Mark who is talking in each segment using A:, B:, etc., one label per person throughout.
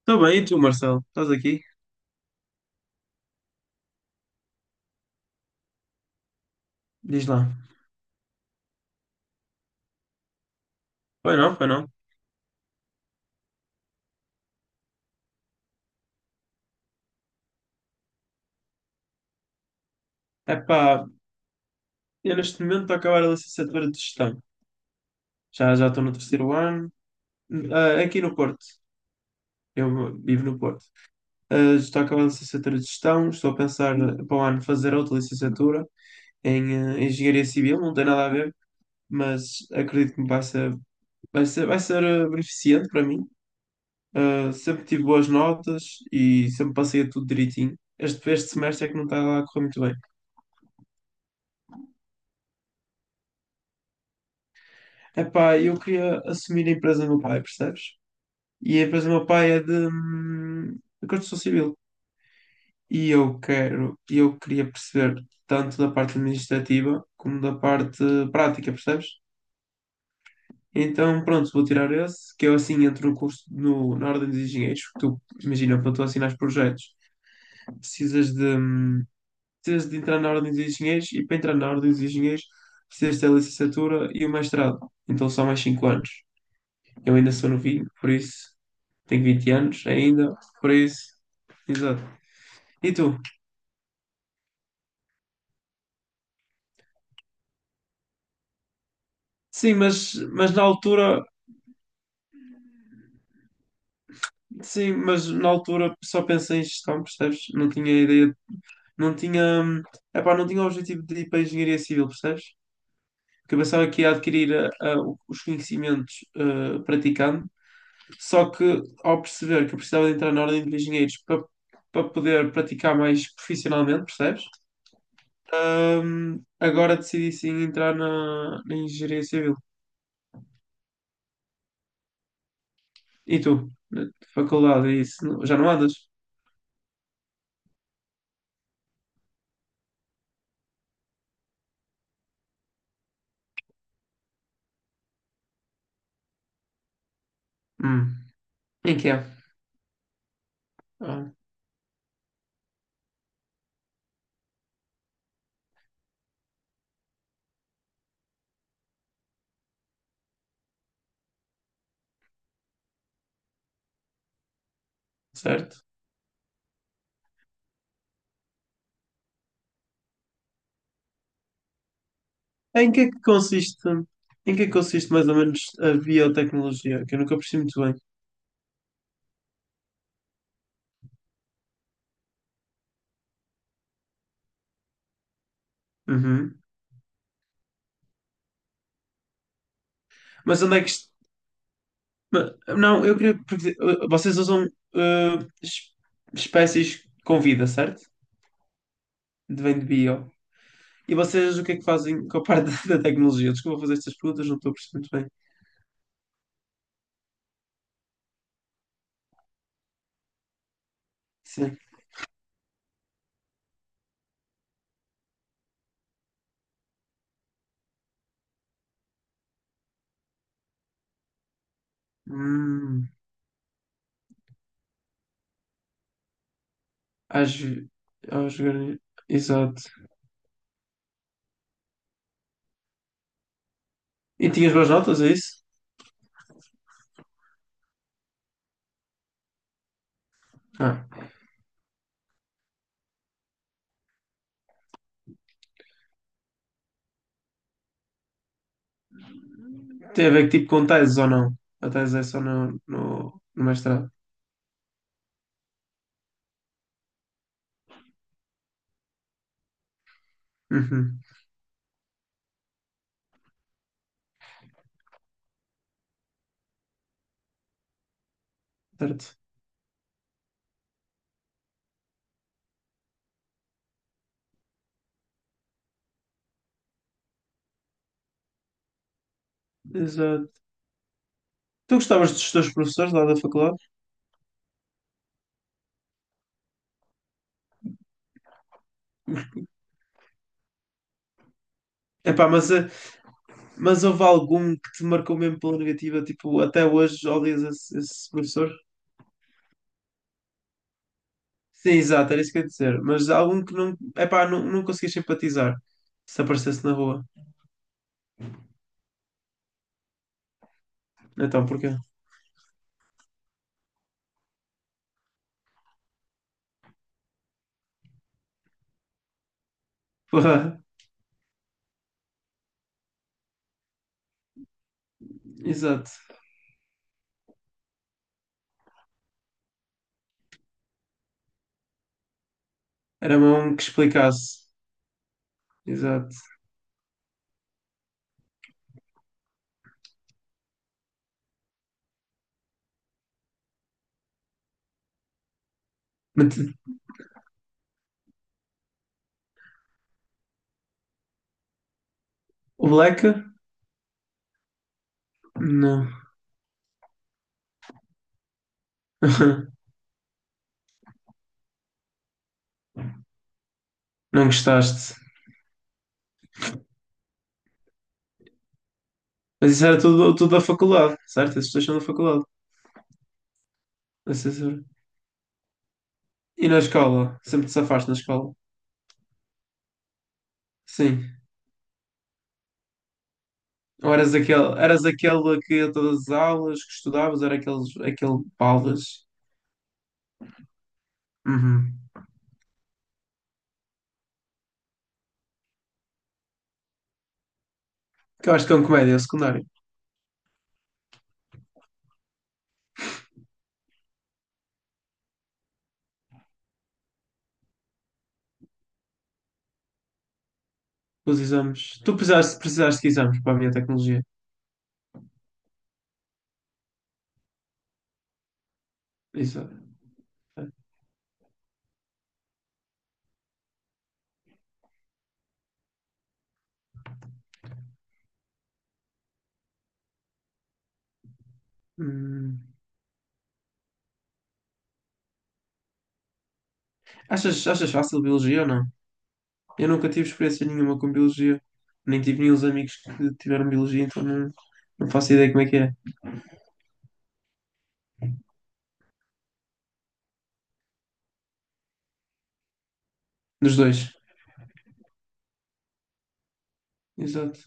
A: Está bem, e tu, Marcelo? Estás aqui? Diz lá. Foi não, foi não. Epá, eu neste momento estou a acabar a licenciatura de gestão. Já estou no terceiro ano, aqui no Porto. Eu vivo no Porto. Ah, estou a acabar a licenciatura de gestão, estou a pensar para o ano fazer outra licenciatura em engenharia civil, não tem nada a ver, mas acredito que vai ser beneficente para mim. Ah, sempre tive boas notas e sempre passei a tudo direitinho. Este semestre é que não está lá a correr muito bem. Epá, eu queria assumir a empresa do meu pai, percebes? E a empresa do meu pai é de construção civil. E eu queria perceber tanto da parte administrativa como da parte prática, percebes? Então, pronto, vou tirar esse, que eu assim entro no curso, no, na ordem dos engenheiros, porque tu, imagina, para tu assinar projetos, precisas de, hum, precisas de entrar na ordem dos engenheiros e para entrar na ordem dos engenheiros precisas ter a licenciatura e o mestrado. Então são mais 5 anos. Eu ainda sou novinho, por isso. Tenho 20 anos ainda, por isso. Exato. E tu? Sim, mas na altura só pensei em gestão, percebes? Não tinha ideia, não tinha, hum, epá, não tinha o objetivo de ir para a engenharia civil, percebes? Porque eu pensava que ia adquirir os conhecimentos praticando, só que ao perceber que eu precisava de entrar na ordem de engenheiros para poder praticar mais profissionalmente, percebes? Agora decidi sim entrar na engenharia civil. E tu? Na faculdade, e isso? Já não andas? Hum. Em que é? Ah, certo. Em que é que consiste, em que é que consiste mais ou menos a biotecnologia? Que eu nunca percebi muito bem. Uhum. Mas onde é que isto. Não, eu queria. Porque, vocês usam uh, es- espécies com vida, certo? De Vem de bio. E vocês o que é que fazem com a parte da tecnologia? Desculpa fazer estas perguntas, não estou a perceber muito bem. Sim. Hum. Às... ve- Aos... organi- Exato. E tinhas boas notas, é isso? Ah, tem a ver que tipo com teses ou não? A tese é só no mestrado. Uhum, certo. Exato. Tu gostavas dos teus professores lá da faculdade? Epá, mas houve algum que te marcou mesmo pela negativa? Tipo, até hoje odias esse professor? Sim, exato, era isso que eu ia dizer. Mas algum que não. Epá, não conseguias simpatizar se aparecesse na rua. Então, porquê? Porra, exato. Era mesmo um que explicasse. Exato. Mas, O Black? Não. Não gostaste. Mas isso era tudo da faculdade, certo? Esses dois são da faculdade. Da E na escola? Sempre te safaste na escola? Sim. Ou eras aquele que ia a todas as aulas que estudavas, aquele baldas? Uhum. Que eu acho que é um comédia, é o secundário. Os exames. Tu precisaste de exames para a minha tecnologia. Isso. É. Hum. Achas fácil biologia ou não? Eu nunca tive experiência nenhuma com biologia. Nem tive nenhum amigos que tiveram biologia, então não faço ideia como é que é. Dos dois. Exato.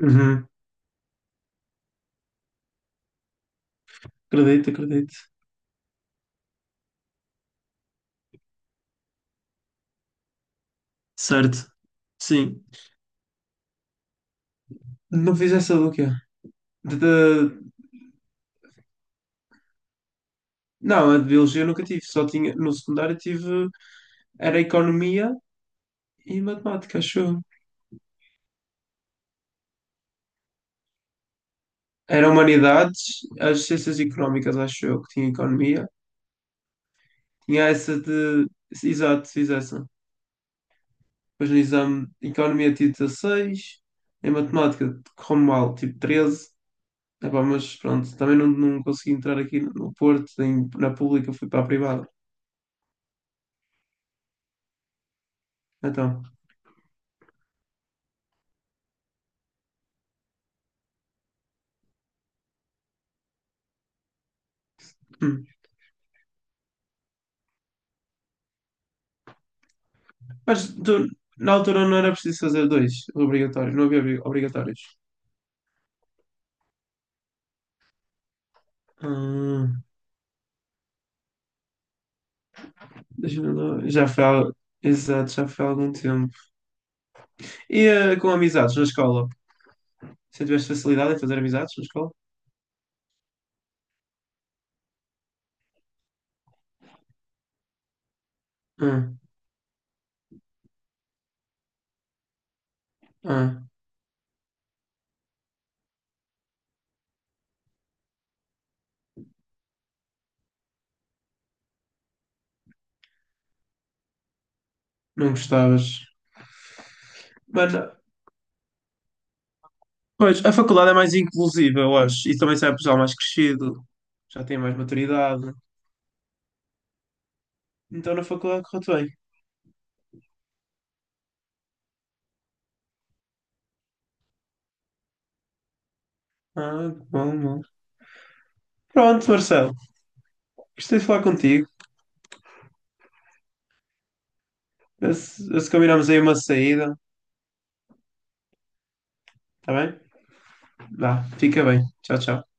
A: Uhum. Acredito, acredito. Certo. Sim. Não fiz essa do quê? De, de- Não, a de biologia eu nunca tive. Só tinha. No secundário tive. Era economia e matemática, acho eu. Era humanidades, as ciências económicas, acho eu, que tinha economia. Tinha essa de. Exato, fiz essa. Depois no exame, economia tive 16. Em matemática, correu mal, tive 13. Epá, mas pronto, também não consegui entrar aqui no Porto, na pública, fui para a privada. Então. Hum. Mas tu, na altura não era preciso fazer dois obrigatórios, não havia obrigatórios. Ah, deixa-me lá. Exato, já foi há algum tempo. E com amizades na escola? Você tiveste facilidade em fazer amizades na escola? Ah, ah, não gostavas. Mano, pois, a faculdade é mais inclusiva, eu acho. E também sai pessoal mais crescido, já tem mais maturidade. Então na faculdade correu bem. Ah, que bom, bom. Pronto, Marcelo. Gostei de falar contigo. Se combinamos aí uma saída. Está bem? Vá, fica bem. Tchau, tchau.